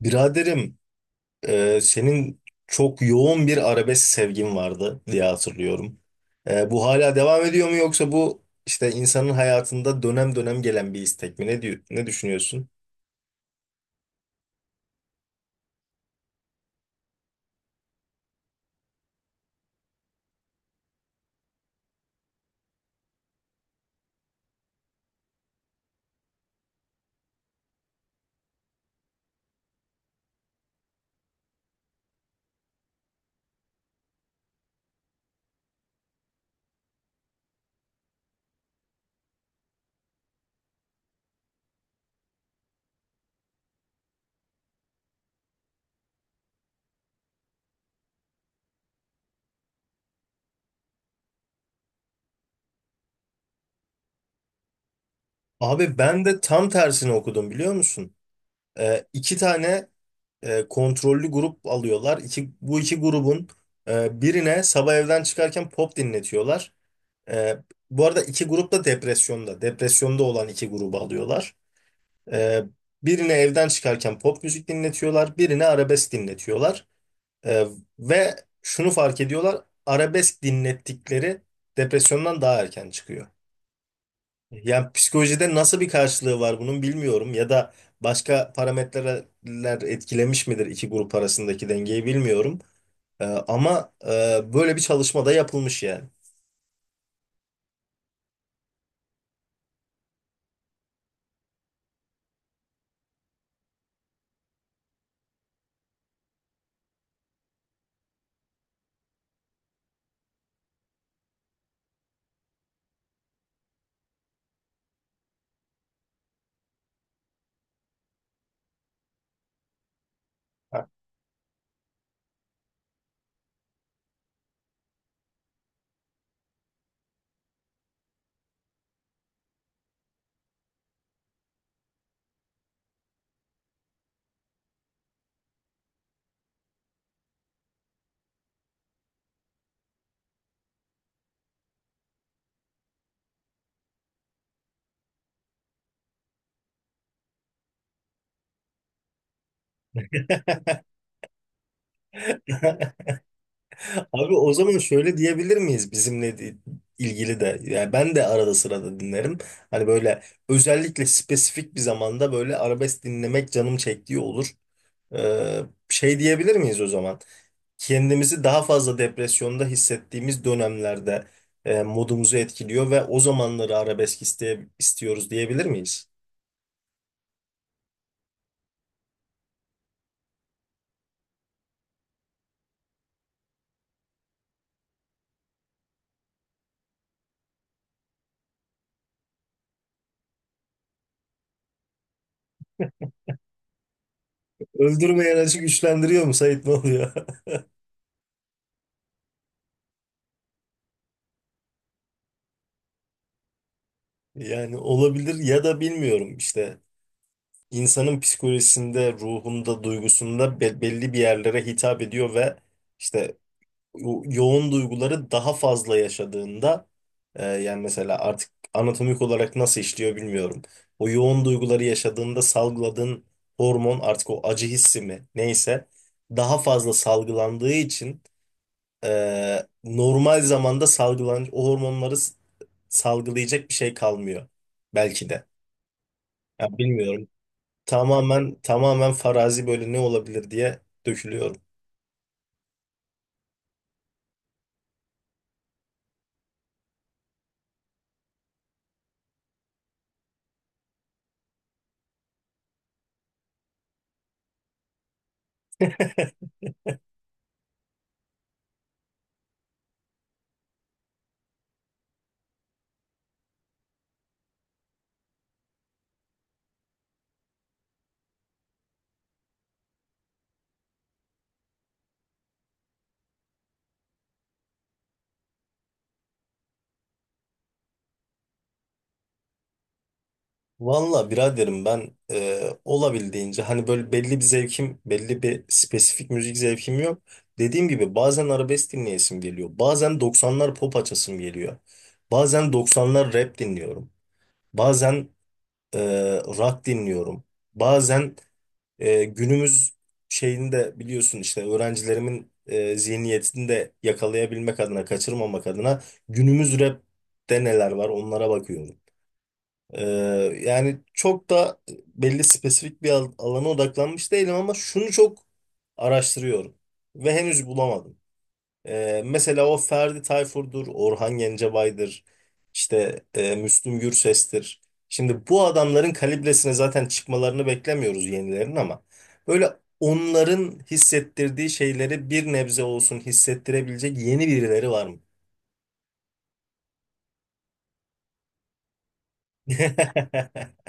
Biraderim, senin çok yoğun bir arabesk sevgin vardı diye hatırlıyorum. Bu hala devam ediyor mu, yoksa bu işte insanın hayatında dönem dönem gelen bir istek mi? Ne diyor, ne düşünüyorsun? Abi ben de tam tersini okudum, biliyor musun? İki tane kontrollü grup alıyorlar. İki, bu iki grubun birine sabah evden çıkarken pop dinletiyorlar. E, Bu arada iki grup da depresyonda. Depresyonda olan iki grubu alıyorlar. Ee, Birine evden çıkarken pop müzik dinletiyorlar, birine arabesk dinletiyorlar. Ee, Ve şunu fark ediyorlar, arabesk dinlettikleri depresyondan daha erken çıkıyor. Yani psikolojide nasıl bir karşılığı var bunun bilmiyorum, ya da başka parametreler etkilemiş midir iki grup arasındaki dengeyi bilmiyorum. Ama böyle bir çalışma da yapılmış yani. Abi o zaman şöyle diyebilir miyiz bizimle ilgili de, yani ben de arada sırada dinlerim. Hani böyle özellikle spesifik bir zamanda böyle arabesk dinlemek canım çektiği olur. Ee, Şey diyebilir miyiz o zaman? Kendimizi daha fazla depresyonda hissettiğimiz dönemlerde modumuzu etkiliyor ve o zamanları arabesk istiyoruz diyebilir miyiz? Öldürmeyen açı güçlendiriyor mu Sait, ne oluyor? Yani olabilir, ya da bilmiyorum işte. İnsanın psikolojisinde, ruhunda, duygusunda belli bir yerlere hitap ediyor ve işte yoğun duyguları daha fazla yaşadığında yani mesela artık anatomik olarak nasıl işliyor bilmiyorum. O yoğun duyguları yaşadığında salgıladığın hormon artık o acı hissi mi neyse daha fazla salgılandığı için normal zamanda salgılan o hormonları salgılayacak bir şey kalmıyor belki de. Ya bilmiyorum. Tamamen farazi, böyle ne olabilir diye dökülüyorum. Valla biraderim, ben olabildiğince, hani böyle belli bir zevkim, belli bir spesifik müzik zevkim yok. Dediğim gibi bazen arabesk dinleyesim geliyor. Bazen 90'lar pop açasım geliyor. Bazen 90'lar rap dinliyorum. Bazen e, rock dinliyorum. Bazen günümüz şeyini de biliyorsun, işte öğrencilerimin zihniyetini de yakalayabilmek adına, kaçırmamak adına günümüz rap'te neler var onlara bakıyorum. E, Yani çok da belli spesifik bir alana odaklanmış değilim, ama şunu çok araştırıyorum ve henüz bulamadım. Mesela o Ferdi Tayfur'dur, Orhan Gencebay'dır, işte Müslüm Gürses'tir. Şimdi bu adamların kalibresine zaten çıkmalarını beklemiyoruz yenilerin, ama böyle onların hissettirdiği şeyleri bir nebze olsun hissettirebilecek yeni birileri var mı?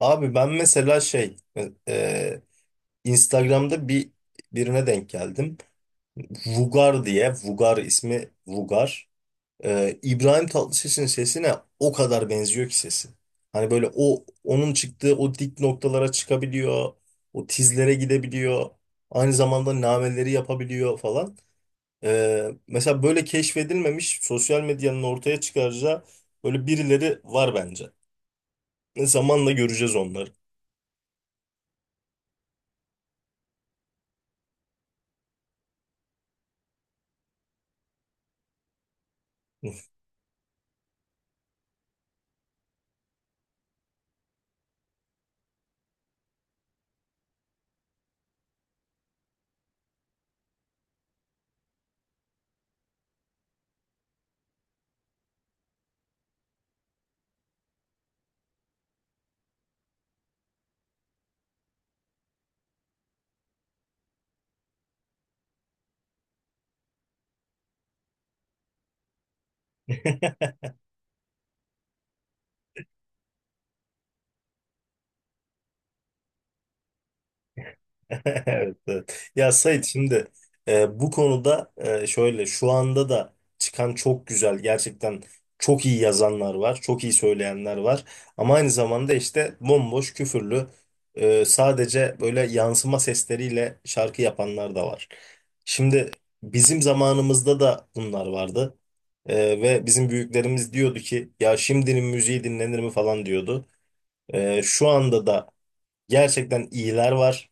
Abi ben mesela şey, e, Instagram'da birine denk geldim. Vugar diye, Vugar ismi Vugar. İbrahim Tatlıses'in sesine o kadar benziyor ki sesi. Hani böyle onun çıktığı o dik noktalara çıkabiliyor. O tizlere gidebiliyor. Aynı zamanda nameleri yapabiliyor falan. Mesela böyle keşfedilmemiş, sosyal medyanın ortaya çıkaracağı böyle birileri var bence. Zamanla göreceğiz onları. Evet, evet. Ya Sait, şimdi bu konuda şöyle, şu anda da çıkan çok güzel, gerçekten çok iyi yazanlar var, çok iyi söyleyenler var. Ama aynı zamanda işte bomboş, küfürlü, sadece böyle yansıma sesleriyle şarkı yapanlar da var. Şimdi bizim zamanımızda da bunlar vardı. E, Ve bizim büyüklerimiz diyordu ki ya şimdinin müziği dinlenir mi falan diyordu. Şu anda da gerçekten iyiler var.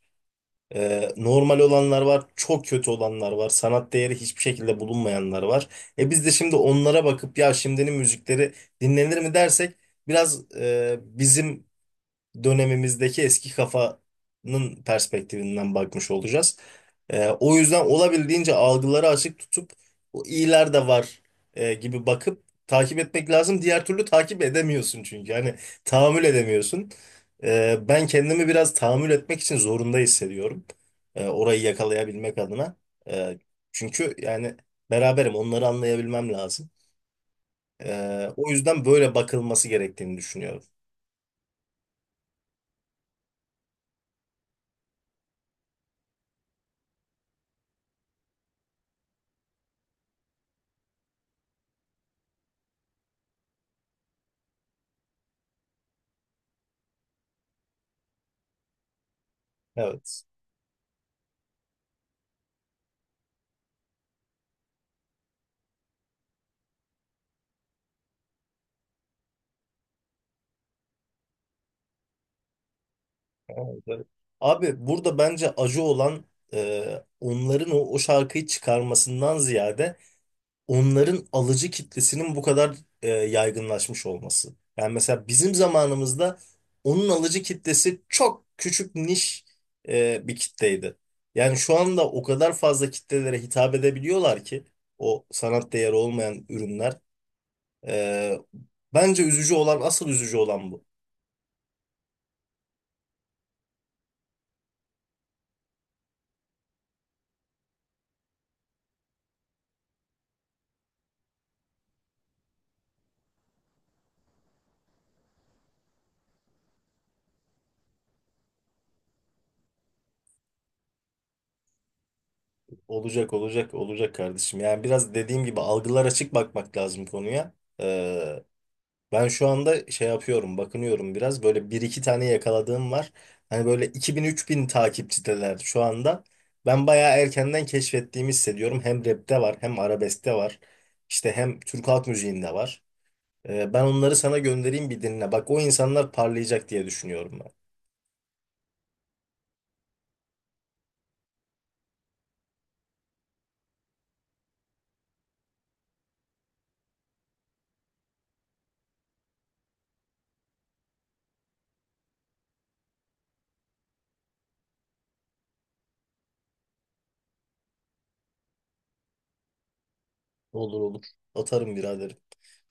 Normal olanlar var, çok kötü olanlar var, sanat değeri hiçbir şekilde bulunmayanlar var. E biz de şimdi onlara bakıp ya şimdinin müzikleri dinlenir mi dersek, biraz bizim dönemimizdeki eski kafanın perspektifinden bakmış olacağız. O yüzden olabildiğince algıları açık tutup o iyiler de var gibi bakıp takip etmek lazım. Diğer türlü takip edemiyorsun çünkü. Hani tahammül edemiyorsun. Ben kendimi biraz tahammül etmek için zorunda hissediyorum. Orayı yakalayabilmek adına. Ee, Çünkü yani beraberim onları anlayabilmem lazım. O yüzden böyle bakılması gerektiğini düşünüyorum. Evet. Evet, evet. Abi burada bence acı olan onların o şarkıyı çıkarmasından ziyade, onların alıcı kitlesinin bu kadar yaygınlaşmış olması. Yani mesela bizim zamanımızda onun alıcı kitlesi çok küçük, niş bir kitleydi. Yani şu anda o kadar fazla kitlelere hitap edebiliyorlar ki o sanat değeri olmayan ürünler. E, Bence üzücü olan, asıl üzücü olan bu. Olacak kardeşim. Yani biraz dediğim gibi algılar açık bakmak lazım konuya. Ee, Ben şu anda şey yapıyorum, bakınıyorum biraz. Böyle bir iki tane yakaladığım var. Hani böyle 2000 3000 takipçideler şu anda. Ben bayağı erkenden keşfettiğimi hissediyorum. Hem rapte var, hem arabeskte var. İşte hem Türk halk müziğinde var. Ben onları sana göndereyim bir dinle. Bak, o insanlar parlayacak diye düşünüyorum ben. Olur olur. Atarım biraderim.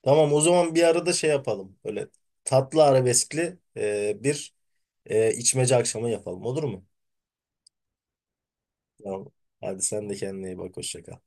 Tamam, o zaman bir arada şey yapalım. Böyle tatlı arabeskli bir içmece akşamı yapalım. Olur mu? Tamam. Hadi sen de kendine iyi bak. Hoşça kal.